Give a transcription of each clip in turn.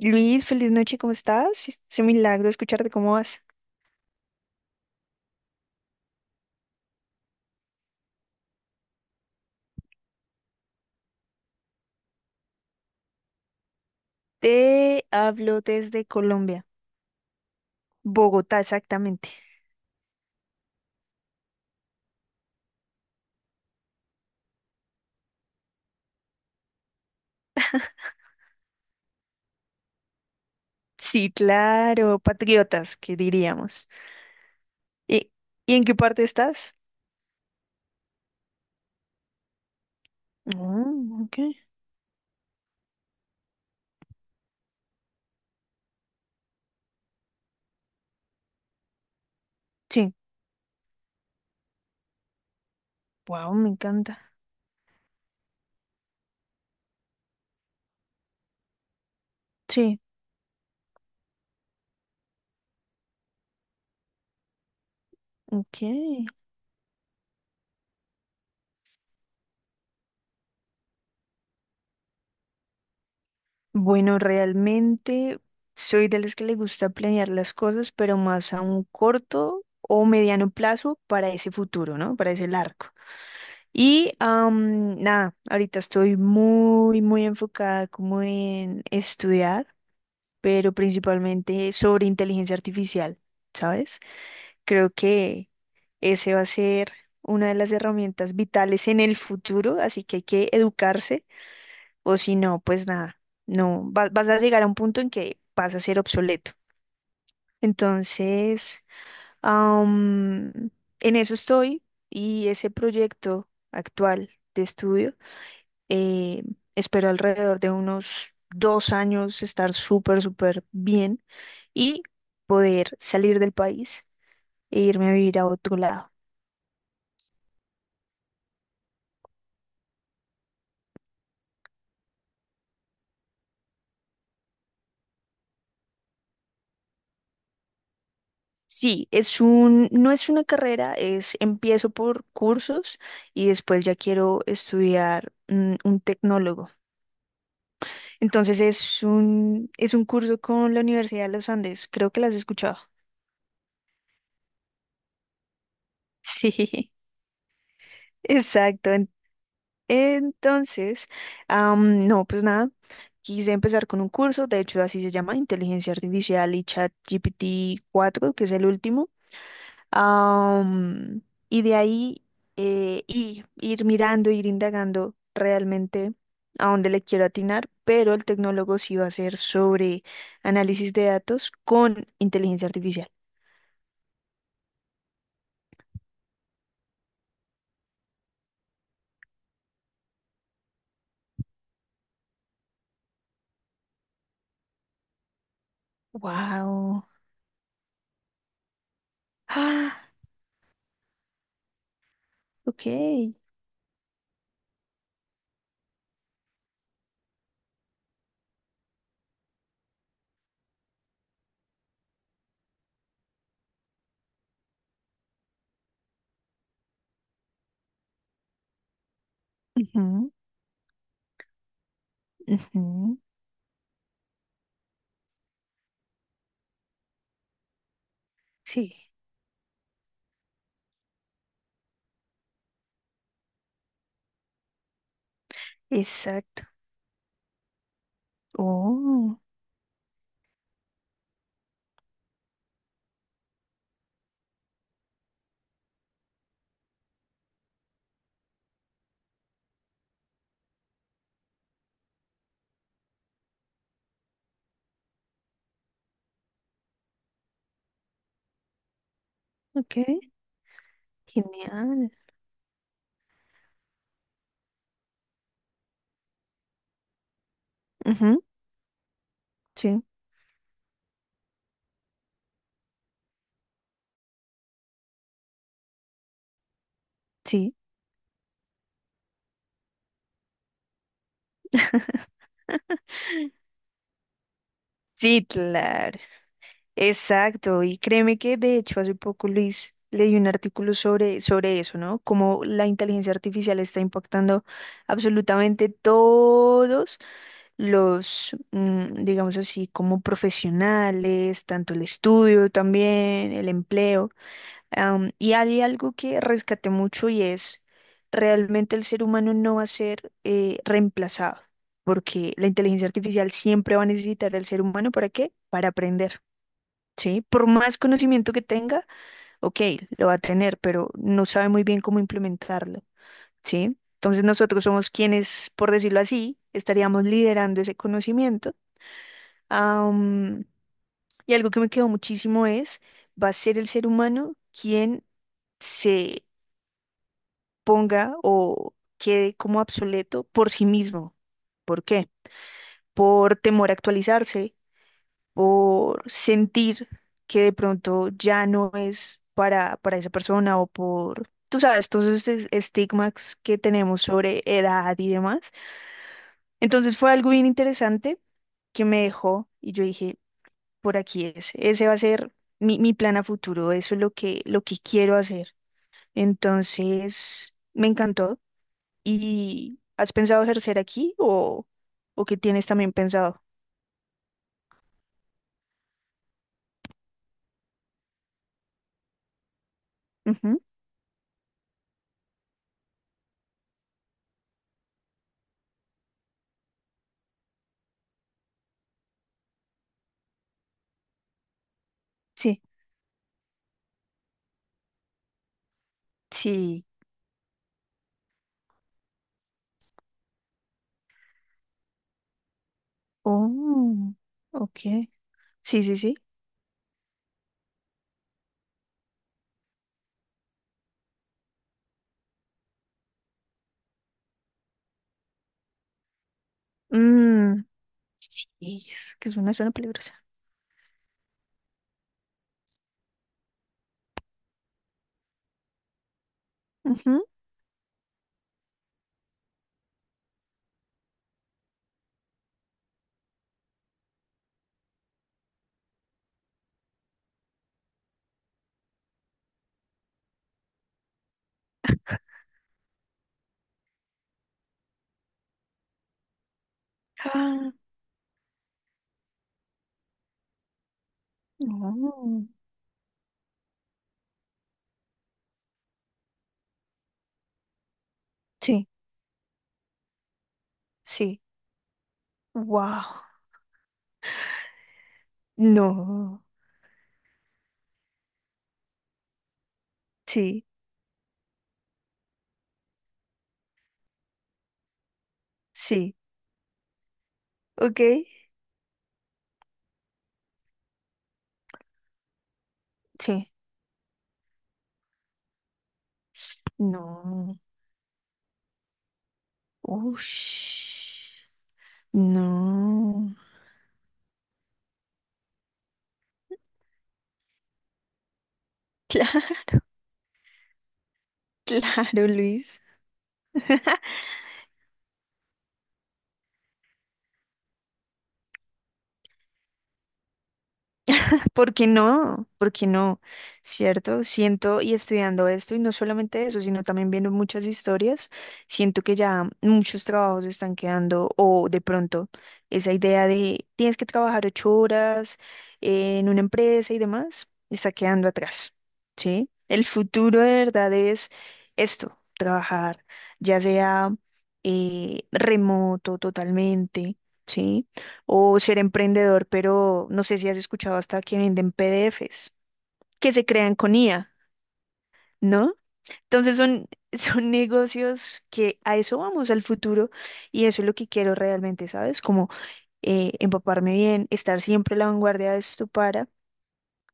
Luis, feliz noche, ¿cómo estás? Es un milagro escucharte, ¿cómo vas? Te hablo desde Colombia, Bogotá exactamente. Sí, claro, patriotas, que diríamos. ¿Y, y en qué parte estás? Mm, ok. Sí, wow, me encanta. Sí, ok. Bueno, realmente soy de las que le gusta planear las cosas, pero más a un corto o mediano plazo para ese futuro, ¿no? Para ese largo. Y nada, ahorita estoy muy, muy enfocada como en estudiar, pero principalmente sobre inteligencia artificial, ¿sabes? Creo que ese va a ser una de las herramientas vitales en el futuro, así que hay que educarse, o si no, pues nada, no, vas a llegar a un punto en que vas a ser obsoleto. Entonces, am, en eso estoy y ese proyecto actual de estudio. Eh, Espero alrededor de unos 2 años estar súper, súper bien y poder salir del país e irme a vivir a otro lado. Sí, no es una carrera, es empiezo por cursos y después ya quiero estudiar un tecnólogo. Entonces es un curso con la Universidad de los Andes, creo que las has escuchado. Sí, exacto. Entonces, no, pues nada, quise empezar con un curso, de hecho así se llama, Inteligencia Artificial y Chat GPT 4, que es el último. Am, y de ahí y ir mirando, ir indagando realmente a dónde le quiero atinar, pero el tecnólogo sí va a ser sobre análisis de datos con inteligencia artificial. Wow. Ah, ok. Ujú, ujú. Sí, exacto. Oh. Ok, genial. Ujú, sí, sí. Sí, claro. Exacto. Y créeme que de hecho hace poco, Luis, leí un artículo sobre, sobre eso, ¿no? Cómo la inteligencia artificial está impactando absolutamente todos los, mm, digamos así, como profesionales, tanto el estudio también, el empleo. Y hay algo que rescaté mucho y es, realmente el ser humano no va a ser reemplazado, porque la inteligencia artificial siempre va a necesitar al ser humano. ¿Para qué? Para aprender, ¿sí? Por más conocimiento que tenga, ok, lo va a tener, pero no sabe muy bien cómo implementarlo, ¿sí? Entonces nosotros somos quienes, por decirlo así, estaríamos liderando ese conocimiento. Am, y algo que me quedó muchísimo es, va a ser el ser humano quien se ponga o quede como obsoleto por sí mismo. ¿Por qué? Por temor a actualizarse, por sentir que de pronto ya no es para esa persona o por, tú sabes, todos esos estigmas que tenemos sobre edad y demás. Entonces fue algo bien interesante que me dejó y yo dije, por aquí es, ese va a ser mi plan a futuro, eso es lo lo que quiero hacer. Entonces, me encantó. ¿Y has pensado ejercer aquí o qué tienes también pensado? Ujú. Sí, sí. Oh, ok. Sí, sí, sí. Mm, sí, es que es una zona peligrosa. Ujú. Ah, no. Sí, sí. Wow. No. Sí, sí. Ok. Sí. No. Ush. No. Claro, Luis. ¿Porque no? ¿Porque no? ¿Cierto? Siento y estudiando esto, y no solamente eso, sino también viendo muchas historias, siento que ya muchos trabajos están quedando, o de pronto esa idea de tienes que trabajar 8 horas en una empresa y demás, está quedando atrás, ¿sí? El futuro de verdad es esto, trabajar, ya sea remoto totalmente, ¿sí? O ser emprendedor, pero no sé si has escuchado hasta que venden PDF que se crean con IA, ¿no? Entonces son, son negocios que a eso vamos, al futuro, y eso es lo que quiero realmente, ¿sabes? Como empaparme bien, estar siempre a la vanguardia de esto para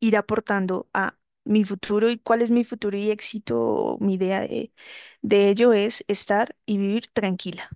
ir aportando a mi futuro y cuál es mi futuro y éxito, mi idea de ello es estar y vivir tranquila.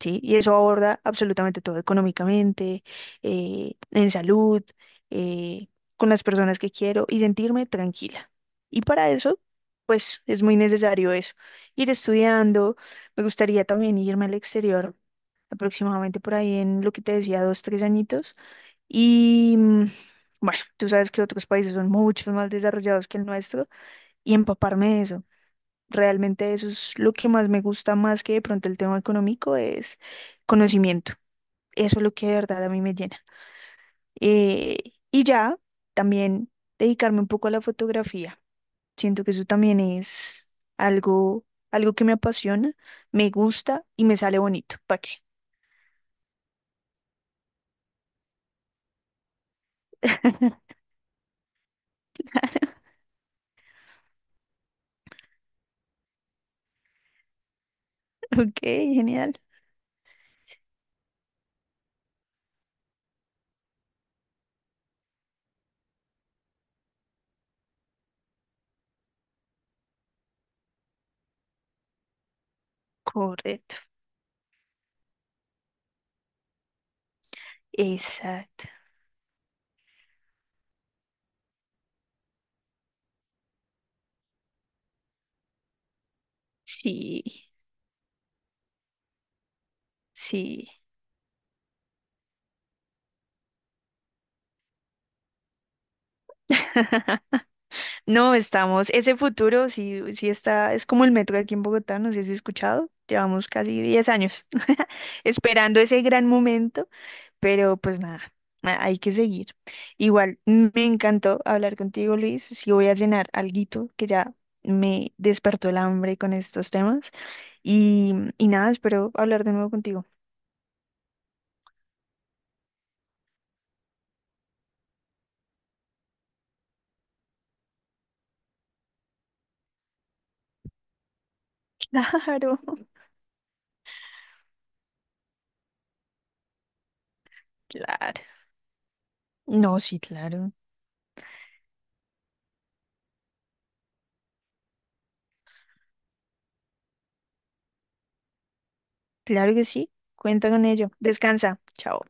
¿Sí? Y eso aborda absolutamente todo económicamente, en salud, eh, con las personas que quiero y sentirme tranquila. Y para eso, pues es muy necesario eso, ir estudiando. Me gustaría también irme al exterior, aproximadamente por ahí en lo que te decía, dos, tres añitos. Y bueno, tú sabes que otros países son mucho más desarrollados que el nuestro y empaparme de eso. Realmente eso es lo que más me gusta más que de pronto el tema económico es conocimiento. Eso es lo que de verdad a mí me llena. Eh, y ya también dedicarme un poco a la fotografía. Siento que eso también es algo, algo que me apasiona, me gusta y me sale bonito. ¿Para qué? Ok, genial. Correcto. Exacto. Sí, sí. No, estamos, ese futuro sí, sí está, es como el metro aquí en Bogotá, no sé si has escuchado, llevamos casi 10 años esperando ese gran momento, pero pues nada, hay que seguir. Igual, me encantó hablar contigo, Luis, sí voy a cenar alguito que ya me despertó el hambre con estos temas y, y nada, espero hablar de nuevo contigo. Claro, claro. No, sí, claro, claro que sí, cuenta con ello. Descansa, chao.